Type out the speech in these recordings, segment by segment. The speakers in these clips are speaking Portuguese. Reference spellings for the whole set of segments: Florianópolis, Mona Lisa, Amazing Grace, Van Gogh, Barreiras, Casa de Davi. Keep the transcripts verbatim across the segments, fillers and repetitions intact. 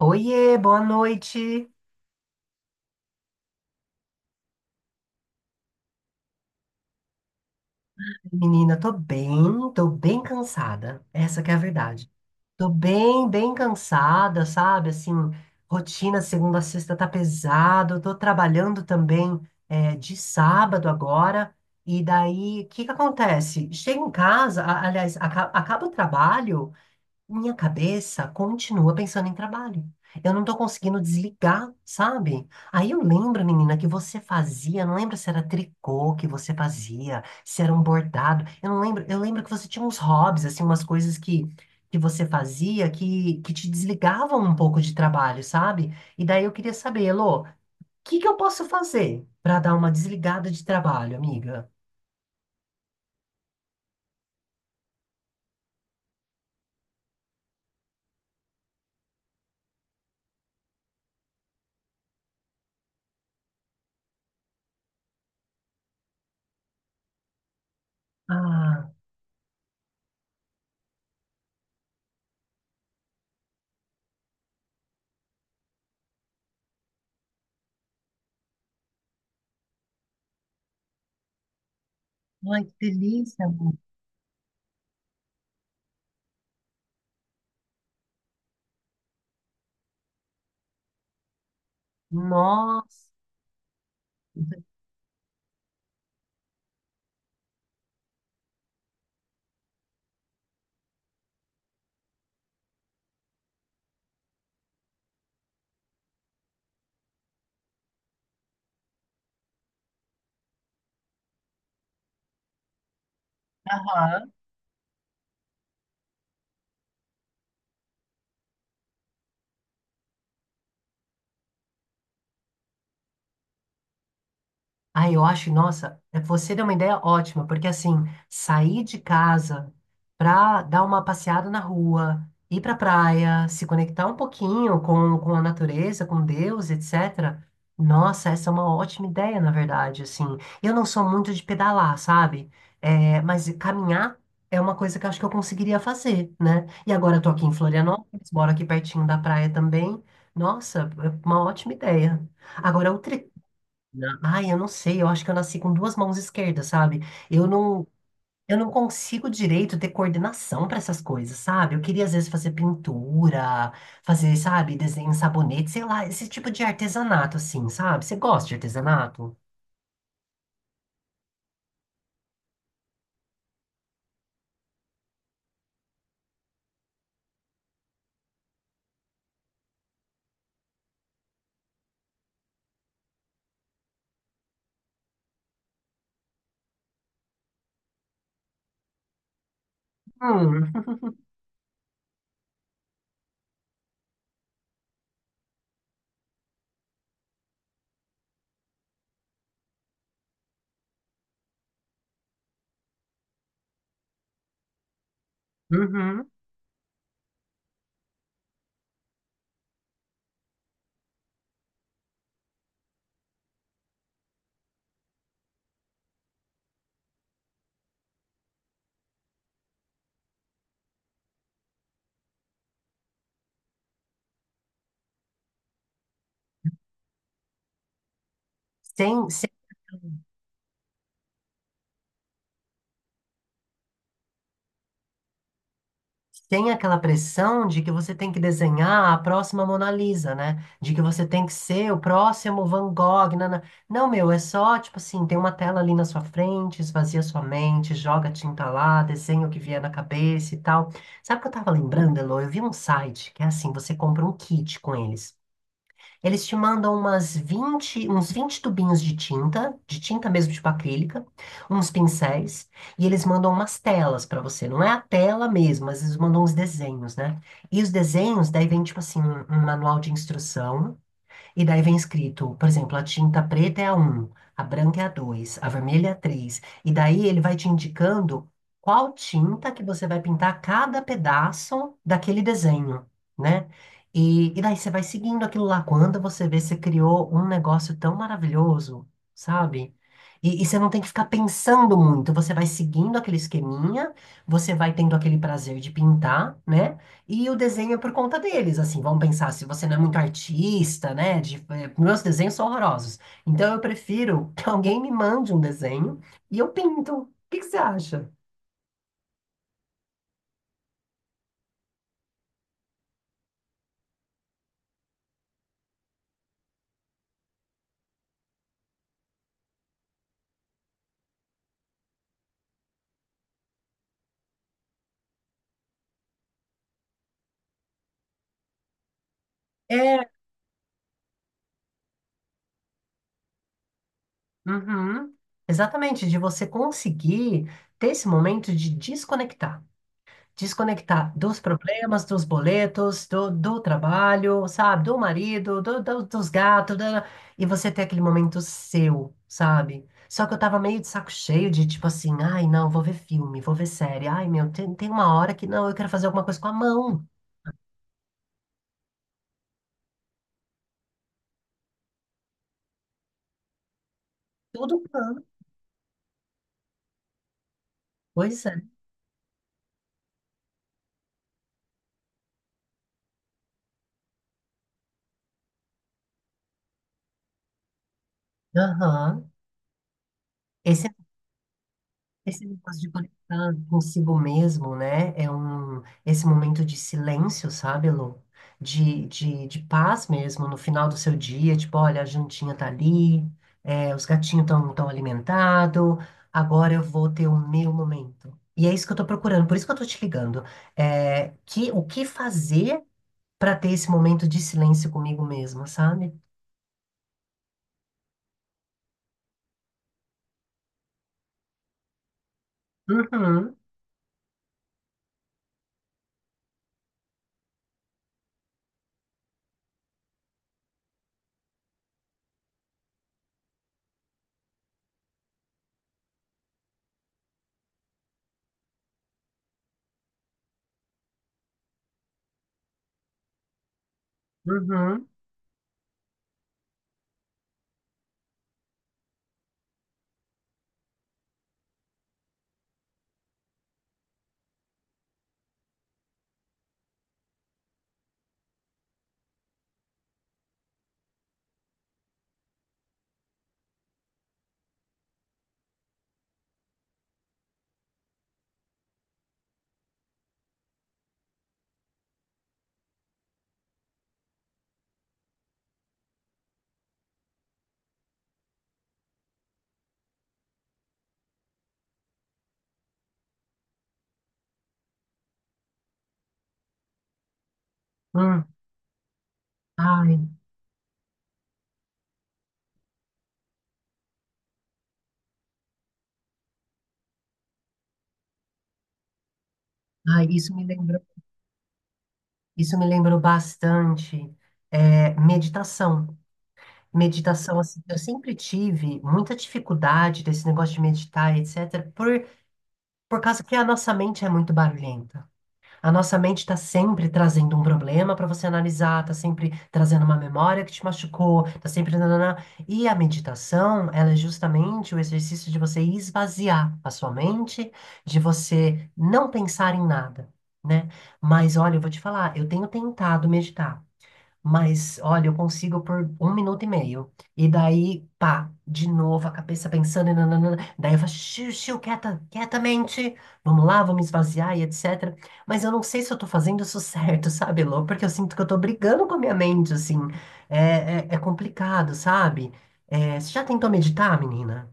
Oiê, boa noite. Menina, tô bem, tô bem cansada. Essa que é a verdade. Tô bem, bem cansada, sabe? Assim, rotina segunda a sexta tá pesado. Tô trabalhando também é, de sábado agora. E daí, o que que acontece? Chego em casa, a- aliás, aca- acaba o trabalho. Minha cabeça continua pensando em trabalho. Eu não estou conseguindo desligar, sabe? Aí eu lembro, menina, que você fazia, não lembro se era tricô que você fazia, se era um bordado. Eu não lembro, eu lembro que você tinha uns hobbies, assim, umas coisas que, que você fazia que, que te desligavam um pouco de trabalho, sabe? E daí eu queria saber, Elô, o que que eu posso fazer para dar uma desligada de trabalho, amiga? Ah, ai, que delícia, amor. Nossa. Aham. Ah, eu acho, nossa, é- você deu uma ideia ótima, porque assim, sair de casa pra dar uma passeada na rua, ir pra praia, se conectar um pouquinho com, com a natureza, com Deus, et cetera. Nossa, essa é uma ótima ideia, na verdade, assim. Eu não sou muito de pedalar, sabe? É, mas caminhar é uma coisa que eu acho que eu conseguiria fazer, né? E agora eu tô aqui em Florianópolis, moro aqui pertinho da praia também. Nossa, é uma ótima ideia. Agora, outra na- Ai, eu não sei, eu acho que eu nasci com duas mãos esquerdas, sabe? Eu não, eu não consigo direito ter coordenação para essas coisas, sabe? Eu queria às vezes fazer pintura, fazer, sabe, desenho em sabonete, sei lá, esse tipo de artesanato assim, sabe? Você gosta de artesanato? Hum. Uhum. Sem, sem... Sem aquela pressão de que você tem que desenhar a próxima Mona Lisa, né? De que você tem que ser o próximo Van Gogh. Nana. Não, meu, é só, tipo assim, tem uma tela ali na sua frente, esvazia sua mente, joga tinta lá, desenha o que vier na cabeça e tal. Sabe o que eu tava lembrando, Elo? Eu vi um site que é assim, você compra um kit com eles. Eles te mandam umas vinte, uns vinte tubinhos de tinta, de tinta mesmo, tipo acrílica, uns pincéis, e eles mandam umas telas pra você. Não é a tela mesmo, mas eles mandam uns desenhos, né? E os desenhos, daí vem, tipo assim, um um manual de instrução e daí vem escrito, por exemplo, a tinta preta é a um, a branca é a dois, a vermelha é a três. E daí ele vai te indicando qual tinta que você vai pintar cada pedaço daquele desenho, né? E, e daí você vai seguindo aquilo lá. Quando você vê, você criou um negócio tão maravilhoso, sabe? E, e você não tem que ficar pensando muito, você vai seguindo aquele esqueminha, você vai tendo aquele prazer de pintar, né? E o desenho é por conta deles, assim, vamos pensar, se você não é muito artista, né? De- eh, meus desenhos são horrorosos. Então eu prefiro que alguém me mande um desenho e eu pinto. O que que você acha? É, uhum, exatamente, de você conseguir ter esse momento de desconectar. Desconectar dos problemas, dos boletos, do, do trabalho, sabe? Do marido, do, do- dos gatos, da- e você ter aquele momento seu, sabe? Só que eu tava meio de saco cheio de tipo assim, ai, não, vou ver filme, vou ver série, ai, meu, tem, tem uma hora que não, eu quero fazer alguma coisa com a mão. Tudo plano. Pois é. Aham. Esse Esse negócio de conectar consigo mesmo, né? É um, esse momento de silêncio, sabe, Lu? De, de, de paz mesmo, no final do seu dia, tipo, olha, a jantinha tá ali, é, os gatinhos estão tão alimentados, agora eu vou ter o meu momento. E é isso que eu tô procurando, por isso que eu tô te ligando. É, que, o que fazer para ter esse momento de silêncio comigo mesma, sabe? Uhum, uhum, uhum. Ai, ai, isso me lembrou. Isso me lembrou bastante, eh, meditação. Meditação, assim, eu sempre tive muita dificuldade desse negócio de meditar, et cetera, por, por causa que a nossa mente é muito barulhenta. A nossa mente está sempre trazendo um problema para você analisar, está sempre trazendo uma memória que te machucou, está sempre. Nananã. E a meditação, ela é justamente o exercício de você esvaziar a sua mente, de você não pensar em nada, né? Mas olha, eu vou te falar, eu tenho tentado meditar. Mas, olha, eu consigo por um minuto e meio. E daí, pá, de novo, a cabeça pensando, e nananana. Daí eu falo, xiu, xiu, quieta, quietamente, vamos lá, vamos esvaziar e et cetera. Mas eu não sei se eu tô fazendo isso certo, sabe, Lô? Porque eu sinto que eu tô brigando com a minha mente, assim. É, é, é complicado, sabe? É, você já tentou meditar, menina?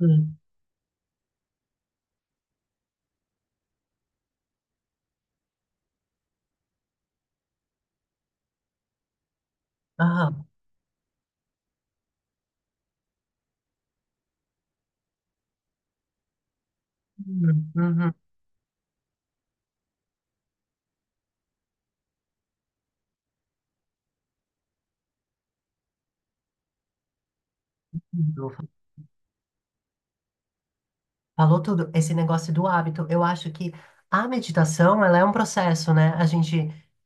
Hum. Ah, hum, uhum, uhum. Falou tudo, esse negócio do hábito. Eu acho que a meditação, ela é um processo, né? A gente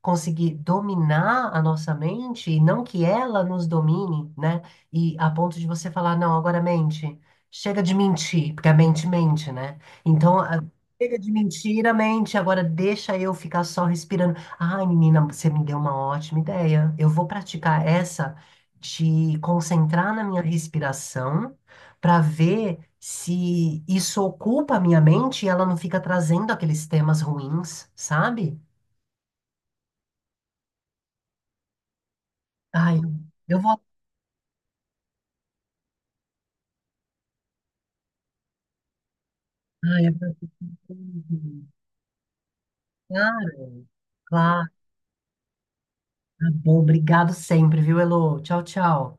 conseguir dominar a nossa mente e não que ela nos domine, né? E a ponto de você falar, não, agora mente, chega de mentir, porque a mente mente, né? Então, a- chega de mentir a mente, agora deixa eu ficar só respirando. Ai, menina, você me deu uma ótima ideia. Eu vou praticar essa de concentrar na minha respiração para ver se isso ocupa a minha mente e ela não fica trazendo aqueles temas ruins, sabe? Ai, eu vou. Ai, é verdade. Claro, claro. Tá bom, obrigado sempre, viu, Elô? Tchau, tchau.